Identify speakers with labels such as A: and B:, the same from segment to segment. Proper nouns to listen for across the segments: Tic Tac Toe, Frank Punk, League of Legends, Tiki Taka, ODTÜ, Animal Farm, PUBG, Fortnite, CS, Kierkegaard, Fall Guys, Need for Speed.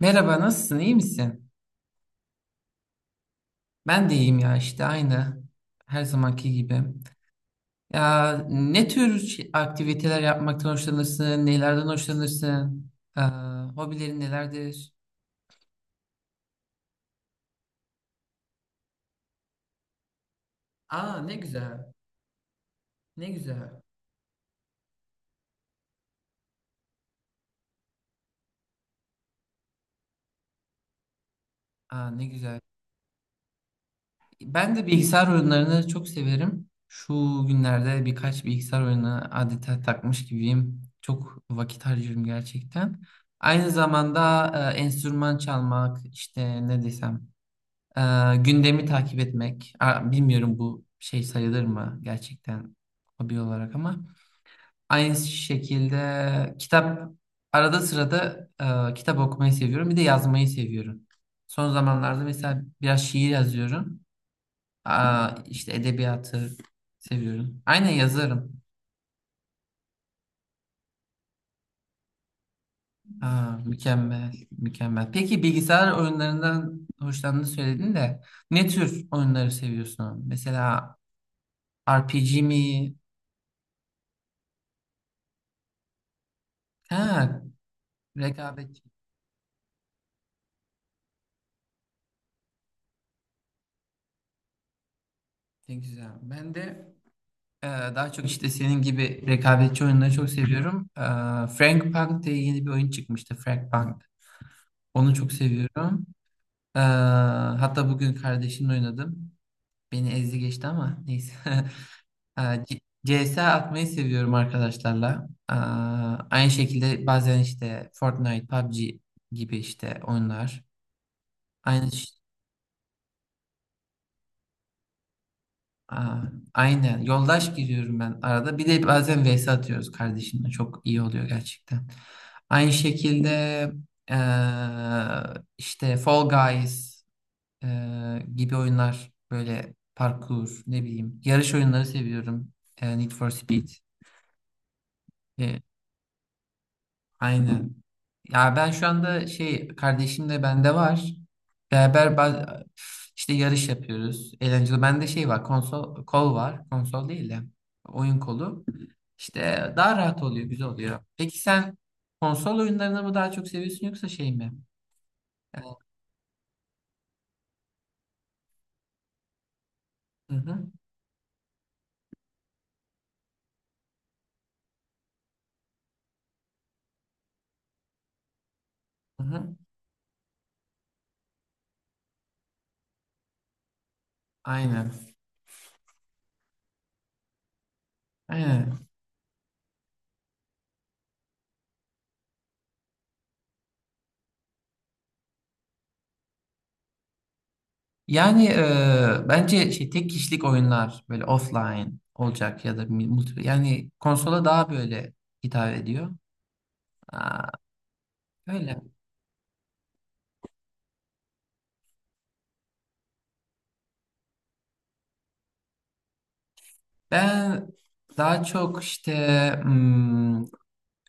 A: Merhaba, nasılsın? İyi misin? Ben de iyiyim ya işte aynı. Her zamanki gibi. Ya ne tür aktiviteler yapmaktan hoşlanırsın? Nelerden hoşlanırsın? Hobilerin nelerdir? Aa, ne güzel. Ne güzel. Aa, ne güzel. Ben de bilgisayar oyunlarını çok severim. Şu günlerde birkaç bilgisayar oyunu adeta takmış gibiyim. Çok vakit harcıyorum gerçekten. Aynı zamanda enstrüman çalmak, işte ne desem. Gündemi takip etmek. Bilmiyorum bu şey sayılır mı gerçekten hobi olarak, ama aynı şekilde kitap, arada sırada kitap okumayı seviyorum. Bir de yazmayı seviyorum. Son zamanlarda mesela biraz şiir yazıyorum. İşte edebiyatı seviyorum. Aynen yazarım. Aa, mükemmel, mükemmel. Peki bilgisayar oyunlarından hoşlandığını söyledin de ne tür oyunları seviyorsun? Mesela RPG mi? Ha, rekabetçilikte güzel. Ben de daha çok işte senin gibi rekabetçi oyunları çok seviyorum. Frank Punk diye yeni bir oyun çıkmıştı. Frank Punk. Onu çok seviyorum. E, Hatta bugün kardeşimle oynadım. Beni ezdi geçti ama neyse. E, C- CS atmayı seviyorum arkadaşlarla. Aynı şekilde bazen işte Fortnite, PUBG gibi işte oyunlar. Aynı. Aa, aynen. Yoldaş giriyorum ben arada. Bir de bazen vs atıyoruz kardeşimle. Çok iyi oluyor gerçekten. Aynı şekilde işte Fall Guys gibi oyunlar, böyle parkur ne bileyim. Yarış oyunları seviyorum. Need for Speed. Aynen. Ya ben şu anda şey, kardeşim de bende var. Beraber baz- işte yarış yapıyoruz. Eğlenceli. Bende şey var, konsol kol var. Konsol değil de oyun kolu. İşte daha rahat oluyor, güzel oluyor. Peki sen konsol oyunlarını mı daha çok seviyorsun yoksa şey mi? Hı hı, hı hı. Aynen. Aynen. Yani bence şey tek kişilik oyunlar böyle offline olacak ya da multi, yani konsola daha böyle hitap ediyor. Aa, öyle. Ben daha çok işte hmm,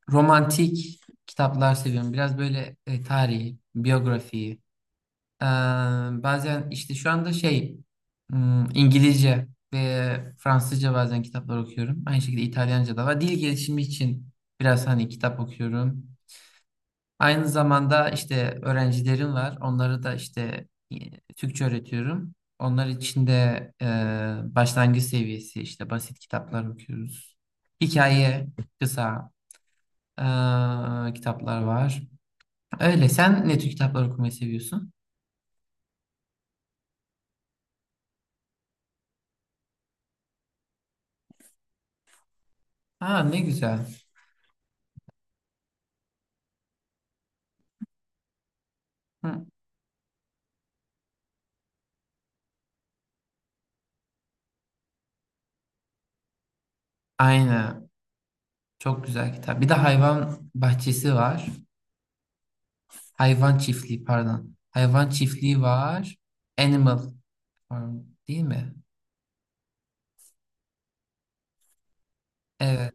A: romantik kitaplar seviyorum. Biraz böyle tarihi, biyografiyi. Ee, Bazen işte şu anda şey İngilizce ve Fransızca bazen kitaplar okuyorum. Aynı şekilde İtalyanca da var. Dil gelişimi için biraz hani kitap okuyorum. Aynı zamanda işte öğrencilerim var. Onları da işte Türkçe öğretiyorum. Onlar için de e, başlangıç seviyesi işte basit kitaplar okuyoruz. Hikaye, kısa e, kitaplar var. Öyle. Sen ne tür kitaplar okumayı seviyorsun? Aa, ne güzel. Hı, aynen. Çok güzel kitap. Bir de hayvan bahçesi var. Hayvan çiftliği, pardon. Hayvan çiftliği var. Animal Farm, değil mi? Evet.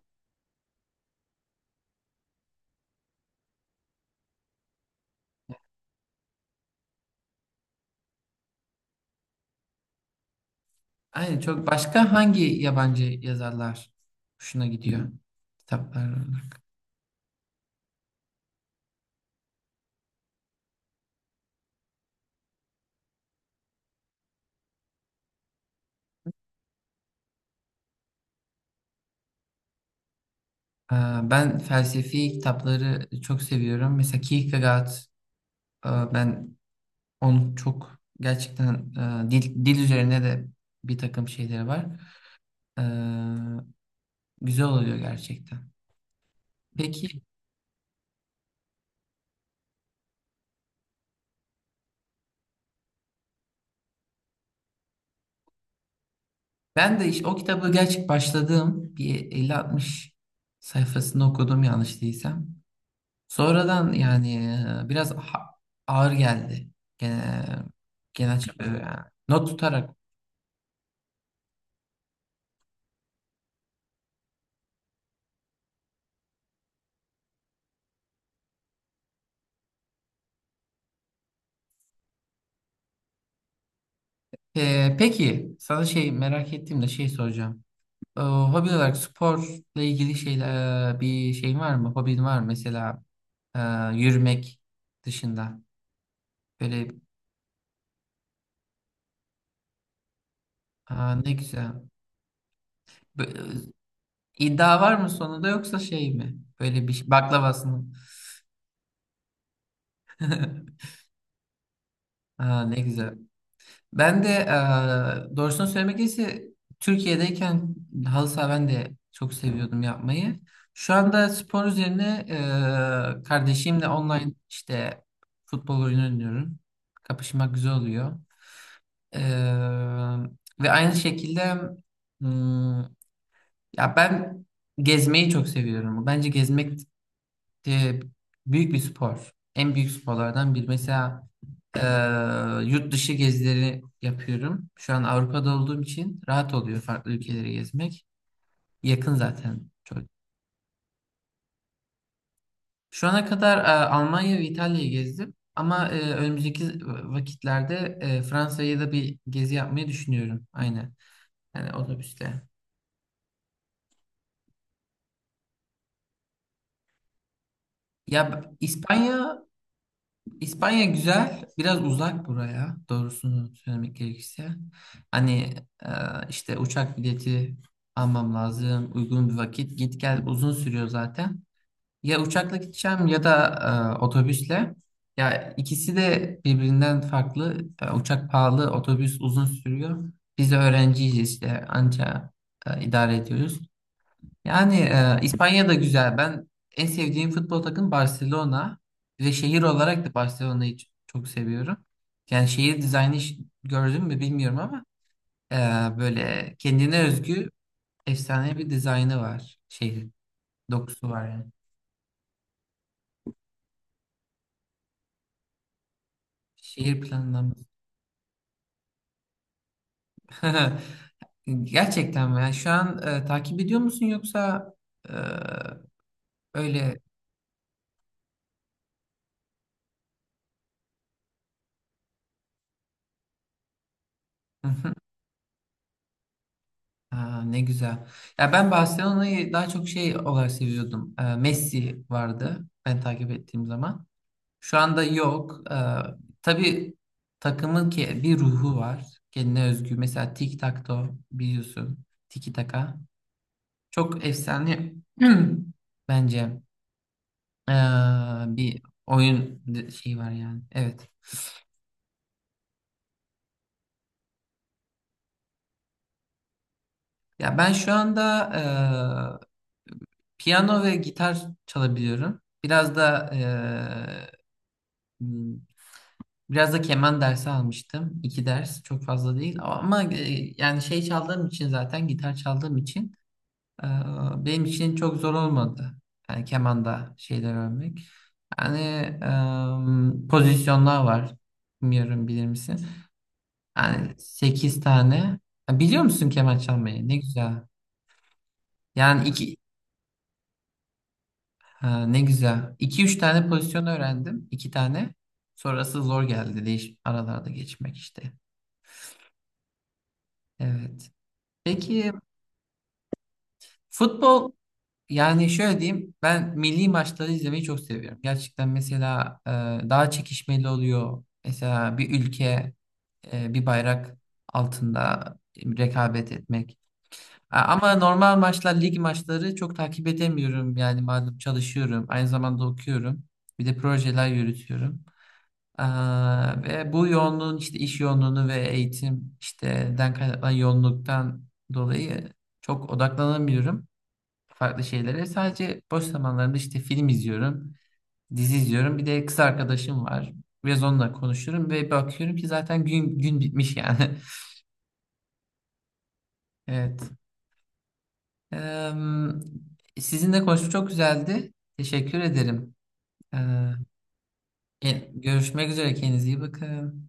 A: Aynen, çok başka hangi yabancı yazarlar hoşuna gidiyor kitaplar olarak? Aa, ben felsefi kitapları çok seviyorum. Mesela Kierkegaard, aa, ben onu çok gerçekten, aa, dil, dil üzerine de bir takım şeyleri var. Aa, güzel oluyor gerçekten. Peki ben de iş, o kitabı gerçek başladığım, bir 50-60 sayfasını okudum yanlış değilsem. Sonradan yani e, biraz ha- ağır geldi. Gene, yani not tutarak. Peki sana şey merak ettiğim de şey soracağım. Hobi olarak sporla ilgili şeyler, bir şeyin var mı? Hobin var mı? Mesela e, yürümek dışında. Böyle, aa, ne güzel. Bö- İddia var mı sonunda yoksa şey mi? Böyle bir şey, baklavasını. Aa, ne güzel. Ben de doğrusunu söylemek gerekirse Türkiye'deyken halı saha ben de çok seviyordum yapmayı. Şu anda spor üzerine kardeşimle online işte futbol oyunu oynuyorum. Kapışmak güzel oluyor. Eee, Ve aynı şekilde hmm, ya ben gezmeyi çok seviyorum. Bence gezmek de büyük bir spor. En büyük sporlardan biri. Mesela ee, yurt dışı gezileri yapıyorum. Şu an Avrupa'da olduğum için rahat oluyor farklı ülkeleri gezmek. Yakın zaten çok. Şu ana kadar Almanya ve İtalya'yı gezdim. Ama önümüzdeki vakitlerde Fransa'ya da bir gezi yapmayı düşünüyorum. Aynen. Yani otobüsle. Ya İspanya İspanya güzel, biraz uzak buraya doğrusunu söylemek gerekirse. Hani e, işte uçak bileti almam lazım, uygun bir vakit, git gel uzun sürüyor zaten. Ya uçakla gideceğim ya da otobüsle. Ya ikisi de birbirinden farklı. E, uçak pahalı, otobüs uzun sürüyor. Biz de öğrenciyiz işte, anca idare ediyoruz. Yani İspanya da güzel. Ben en sevdiğim futbol takım Barcelona ve şehir olarak da Barcelona'yı çok seviyorum. Yani şehir dizaynı, gördün mü bilmiyorum ama e, böyle kendine özgü efsane bir dizaynı var şehir. Dokusu var yani. Şehir planlaması. Gerçekten mi? Yani şu an takip ediyor musun yoksa e, öyle? Ha, ne güzel. Ya ben Barcelona'yı daha çok şey olarak seviyordum. Messi vardı ben takip ettiğim zaman. Şu anda yok. Tabii takımın ki bir ruhu var. Kendine özgü. Mesela Tic Tac Toe biliyorsun. Tiki Taka. Çok efsane bence ee, bir şeyi var yani. Evet. Ya ben şu anda ee, piyano ve gitar çalabiliyorum. Biraz da Hmm, biraz da keman dersi almıştım. İki ders, çok fazla değil, ama yani şey çaldığım için, zaten gitar çaldığım için e, benim için çok zor olmadı. Yani kemanda şeyler örmek. Yani pozisyonlar var. Bilmiyorum, bilir misin? Yani 8 tane. Ha, biliyor musun keman çalmayı? Ne güzel. Yani iki, ha, ne güzel. İki üç tane pozisyon öğrendim. İki tane. Sonrası zor geldi. Değiş aralarda geçmek işte. Evet. Peki futbol, yani şöyle diyeyim, ben milli maçları izlemeyi çok seviyorum. Gerçekten mesela daha çekişmeli oluyor. Mesela bir ülke, bir bayrak altında rekabet etmek. Ama normal maçlar, lig maçları çok takip edemiyorum. Yani malum çalışıyorum, aynı zamanda okuyorum. Bir de projeler yürütüyorum. Aa, ve bu yoğunluğun işte iş yoğunluğunu ve eğitim işte den kaynaklanan yoğunluktan dolayı çok odaklanamıyorum farklı şeylere. Sadece boş zamanlarında işte film izliyorum, dizi izliyorum. Bir de kız arkadaşım var. Biraz onunla konuşuyorum ve bakıyorum ki zaten gün gün bitmiş yani. Evet. Ee, Sizinle konuşmak çok güzeldi. Teşekkür ederim. Ee, Görüşmek üzere. Kendinize iyi bakın.